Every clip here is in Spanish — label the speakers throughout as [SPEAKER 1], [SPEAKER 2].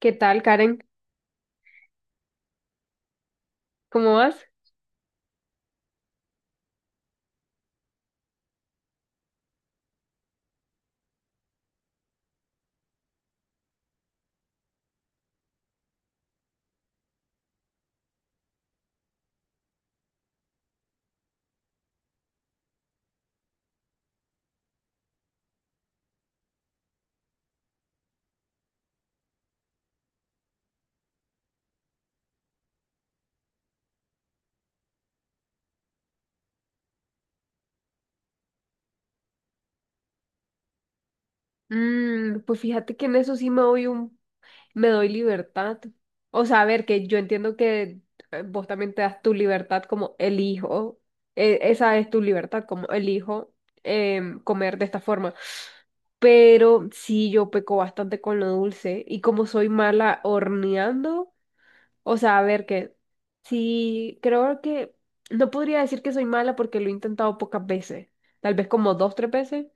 [SPEAKER 1] ¿Qué tal, Karen? ¿Cómo vas? Pues fíjate que en eso sí me doy me doy libertad. O sea, a ver, que yo entiendo que vos también te das tu libertad como elijo, esa es tu libertad como elijo comer de esta forma. Pero sí, yo peco bastante con lo dulce y como soy mala horneando. O sea, a ver que sí, creo que no podría decir que soy mala porque lo he intentado pocas veces, tal vez como dos, tres veces.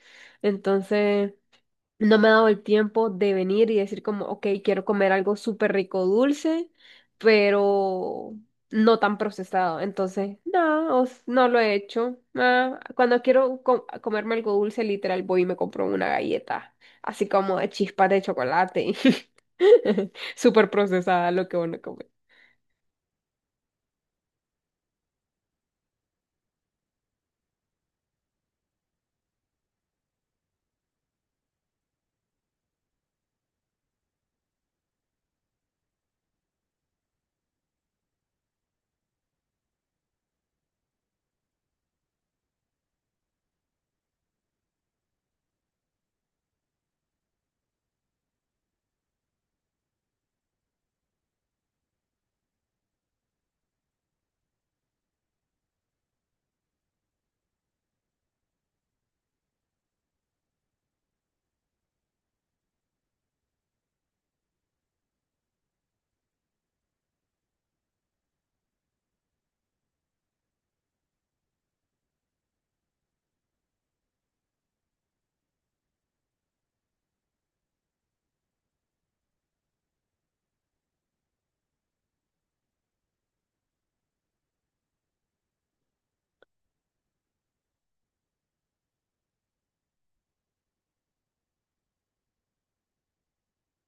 [SPEAKER 1] Entonces, no me ha dado el tiempo de venir y decir como, ok, quiero comer algo súper rico dulce, pero no tan procesado. Entonces, no, no lo he hecho. Ah, cuando quiero comerme algo dulce, literal, voy y me compro una galleta, así como de chispas de chocolate, súper procesada lo que uno come.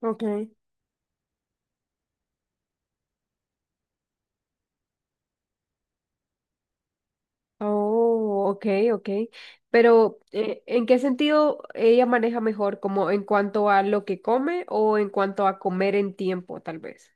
[SPEAKER 1] Ok. Oh, ok, ok. Pero, ¿en qué sentido ella maneja mejor? ¿Como en cuanto a lo que come o en cuanto a comer en tiempo, tal vez?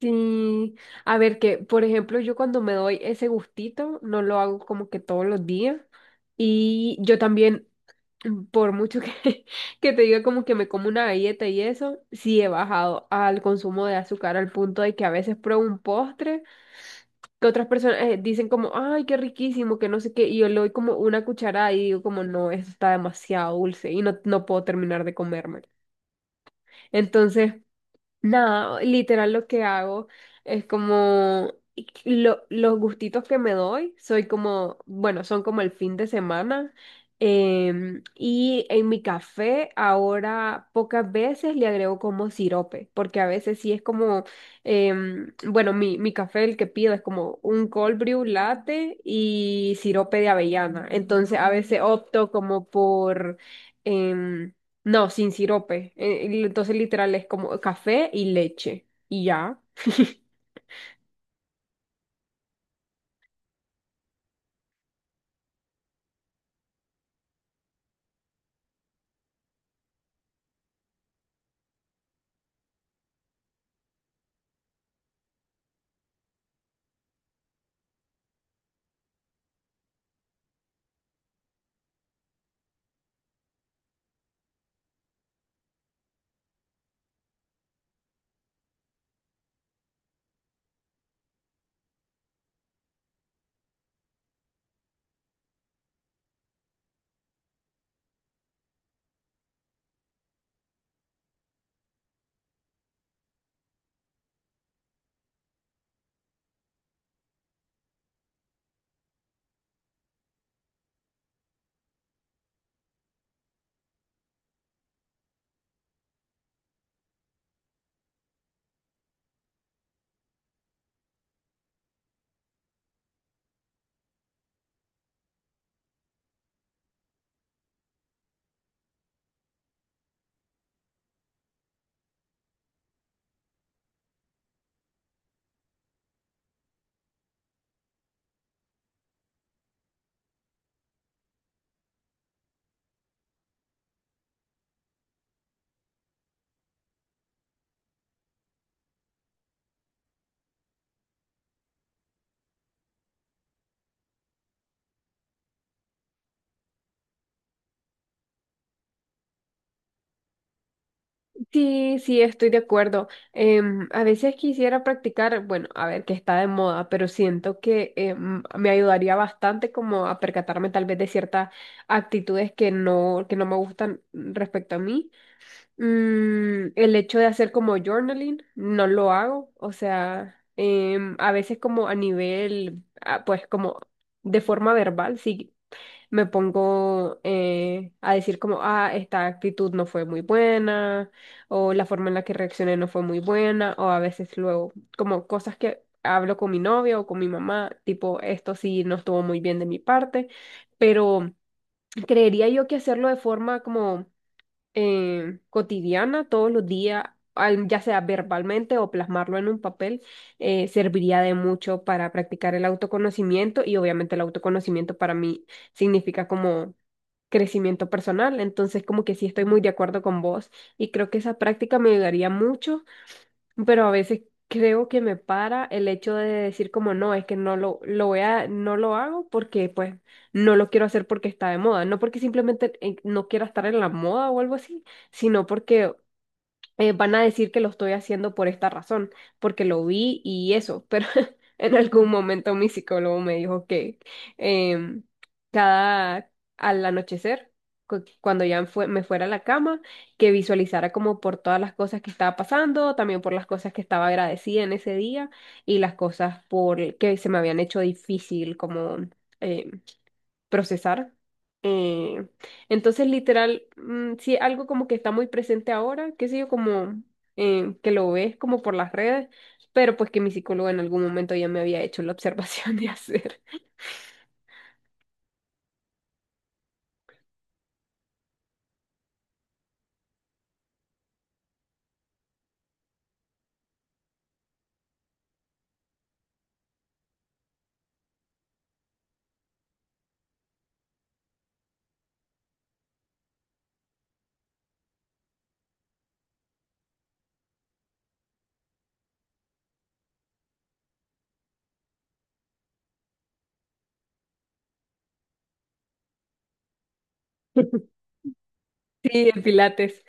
[SPEAKER 1] Sí, a ver que, por ejemplo, yo cuando me doy ese gustito, no lo hago como que todos los días. Y yo también, por mucho que, que te diga como que me como una galleta y eso, sí he bajado al consumo de azúcar al punto de que a veces pruebo un postre, que otras personas dicen como, ay, qué riquísimo, que no sé qué, y yo le doy como una cucharada y digo como, no, eso está demasiado dulce y no, no puedo terminar de comérmelo. Entonces, nada, literal lo que hago es como los gustitos que me doy, soy como, bueno, son como el fin de semana. Y en mi café ahora pocas veces le agrego como sirope, porque a veces sí es como, bueno, mi café el que pido es como un cold brew latte y sirope de avellana. Entonces a veces opto como por... em, no, sin sirope. Y entonces literal es como café y leche. Y ya. Sí, sí, estoy de acuerdo. A veces quisiera practicar, bueno, a ver, que está de moda, pero siento que me ayudaría bastante como a percatarme tal vez de ciertas actitudes que no me gustan respecto a mí. El hecho de hacer como journaling, no lo hago. O sea, a veces como a nivel, ah, pues como de forma verbal, sí me pongo a decir como, ah, esta actitud no fue muy buena, o la forma en la que reaccioné no fue muy buena, o a veces luego, como cosas que hablo con mi novia o con mi mamá, tipo, esto sí no estuvo muy bien de mi parte, pero creería yo que hacerlo de forma como cotidiana, todos los días, ya sea verbalmente o plasmarlo en un papel, serviría de mucho para practicar el autoconocimiento y obviamente el autoconocimiento para mí significa como crecimiento personal. Entonces, como que sí estoy muy de acuerdo con vos y creo que esa práctica me ayudaría mucho, pero a veces creo que me para el hecho de decir como no, es que no lo, lo voy a, no lo hago porque pues no lo quiero hacer porque está de moda, no porque simplemente no quiera estar en la moda o algo así, sino porque van a decir que lo estoy haciendo por esta razón, porque lo vi y eso, pero en algún momento mi psicólogo me dijo que em, cada al anochecer, cuando ya me fuera a la cama, que visualizara como por todas las cosas que estaba pasando, también por las cosas que estaba agradecida en ese día y las cosas por que se me habían hecho difícil, como... eh, procesar. Eh, entonces, literal, sí, algo como que está muy presente ahora, qué sé yo, como que lo ves como por las redes, pero pues que mi psicólogo en algún momento ya me había hecho la observación de hacer. Sí, de pilates.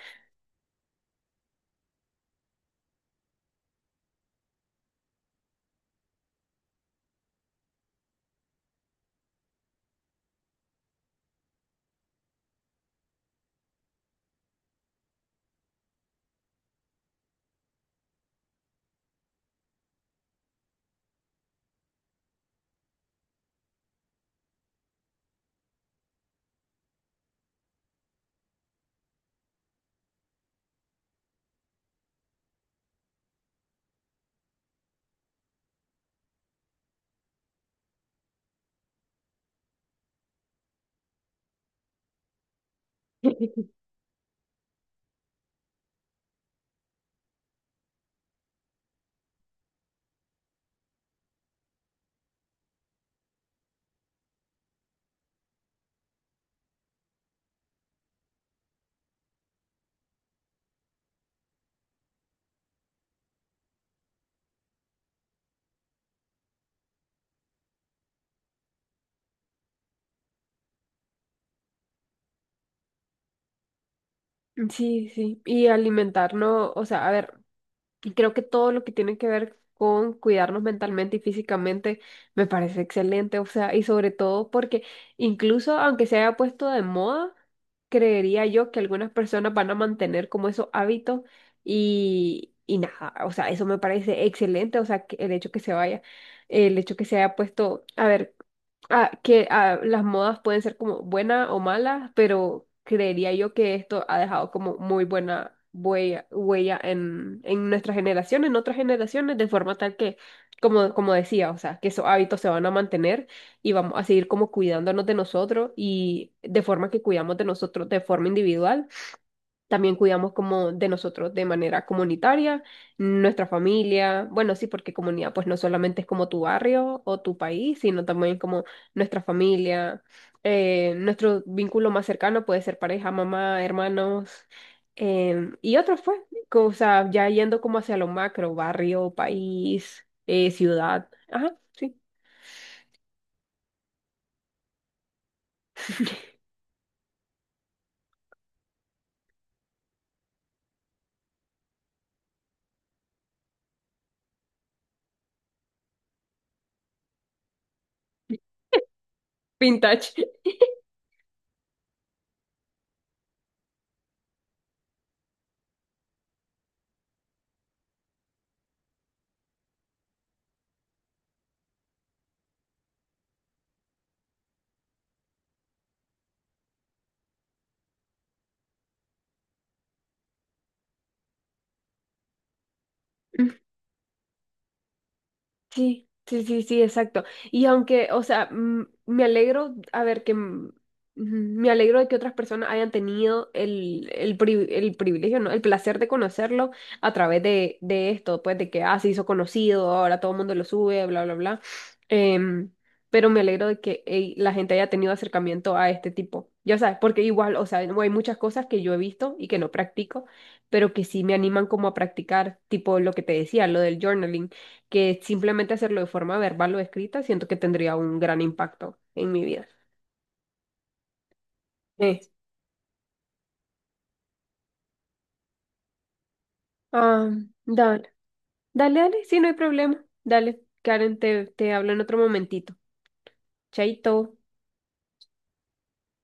[SPEAKER 1] Sí, sí, y alimentar, no, o sea, a ver. Y creo que todo lo que tiene que ver con cuidarnos mentalmente y físicamente me parece excelente, o sea, y sobre todo porque incluso aunque se haya puesto de moda, creería yo que algunas personas van a mantener como esos hábitos y nada, o sea, eso me parece excelente, o sea, que el hecho que se vaya, el hecho que se haya puesto, a ver ah, que ah, las modas pueden ser como buenas o malas, pero creería yo que esto ha dejado como muy buena huella, huella en nuestra generación, en otras generaciones, de forma tal que, como, como decía, o sea, que esos hábitos se van a mantener y vamos a seguir como cuidándonos de nosotros y de forma que cuidamos de nosotros de forma individual. También cuidamos como de nosotros de manera comunitaria, nuestra familia, bueno, sí, porque comunidad pues no solamente es como tu barrio o tu país, sino también como nuestra familia, nuestro vínculo más cercano puede ser pareja, mamá, hermanos, y otros pues, o sea, ya yendo como hacia lo macro, barrio, país, ciudad, ajá, sí, vintage. Sí, sí, sí, sí, exacto. Y aunque, o sea, me alegro, a ver, que me alegro de que otras personas hayan tenido el, el privilegio, ¿no? El placer de conocerlo a través de esto, pues de que, ah, se hizo conocido, ahora todo el mundo lo sube, bla, bla, bla. Em, pero me alegro de que ey, la gente haya tenido acercamiento a este tipo. Ya sabes, porque igual, o sea, hay muchas cosas que yo he visto y que no practico, pero que sí me animan como a practicar, tipo lo que te decía, lo del journaling, que simplemente hacerlo de forma verbal o escrita, siento que tendría un gran impacto en mi vida. eh Ah, dale, dale, dale, sí, no hay problema. Dale, Karen, te hablo en otro momentito. Chaito.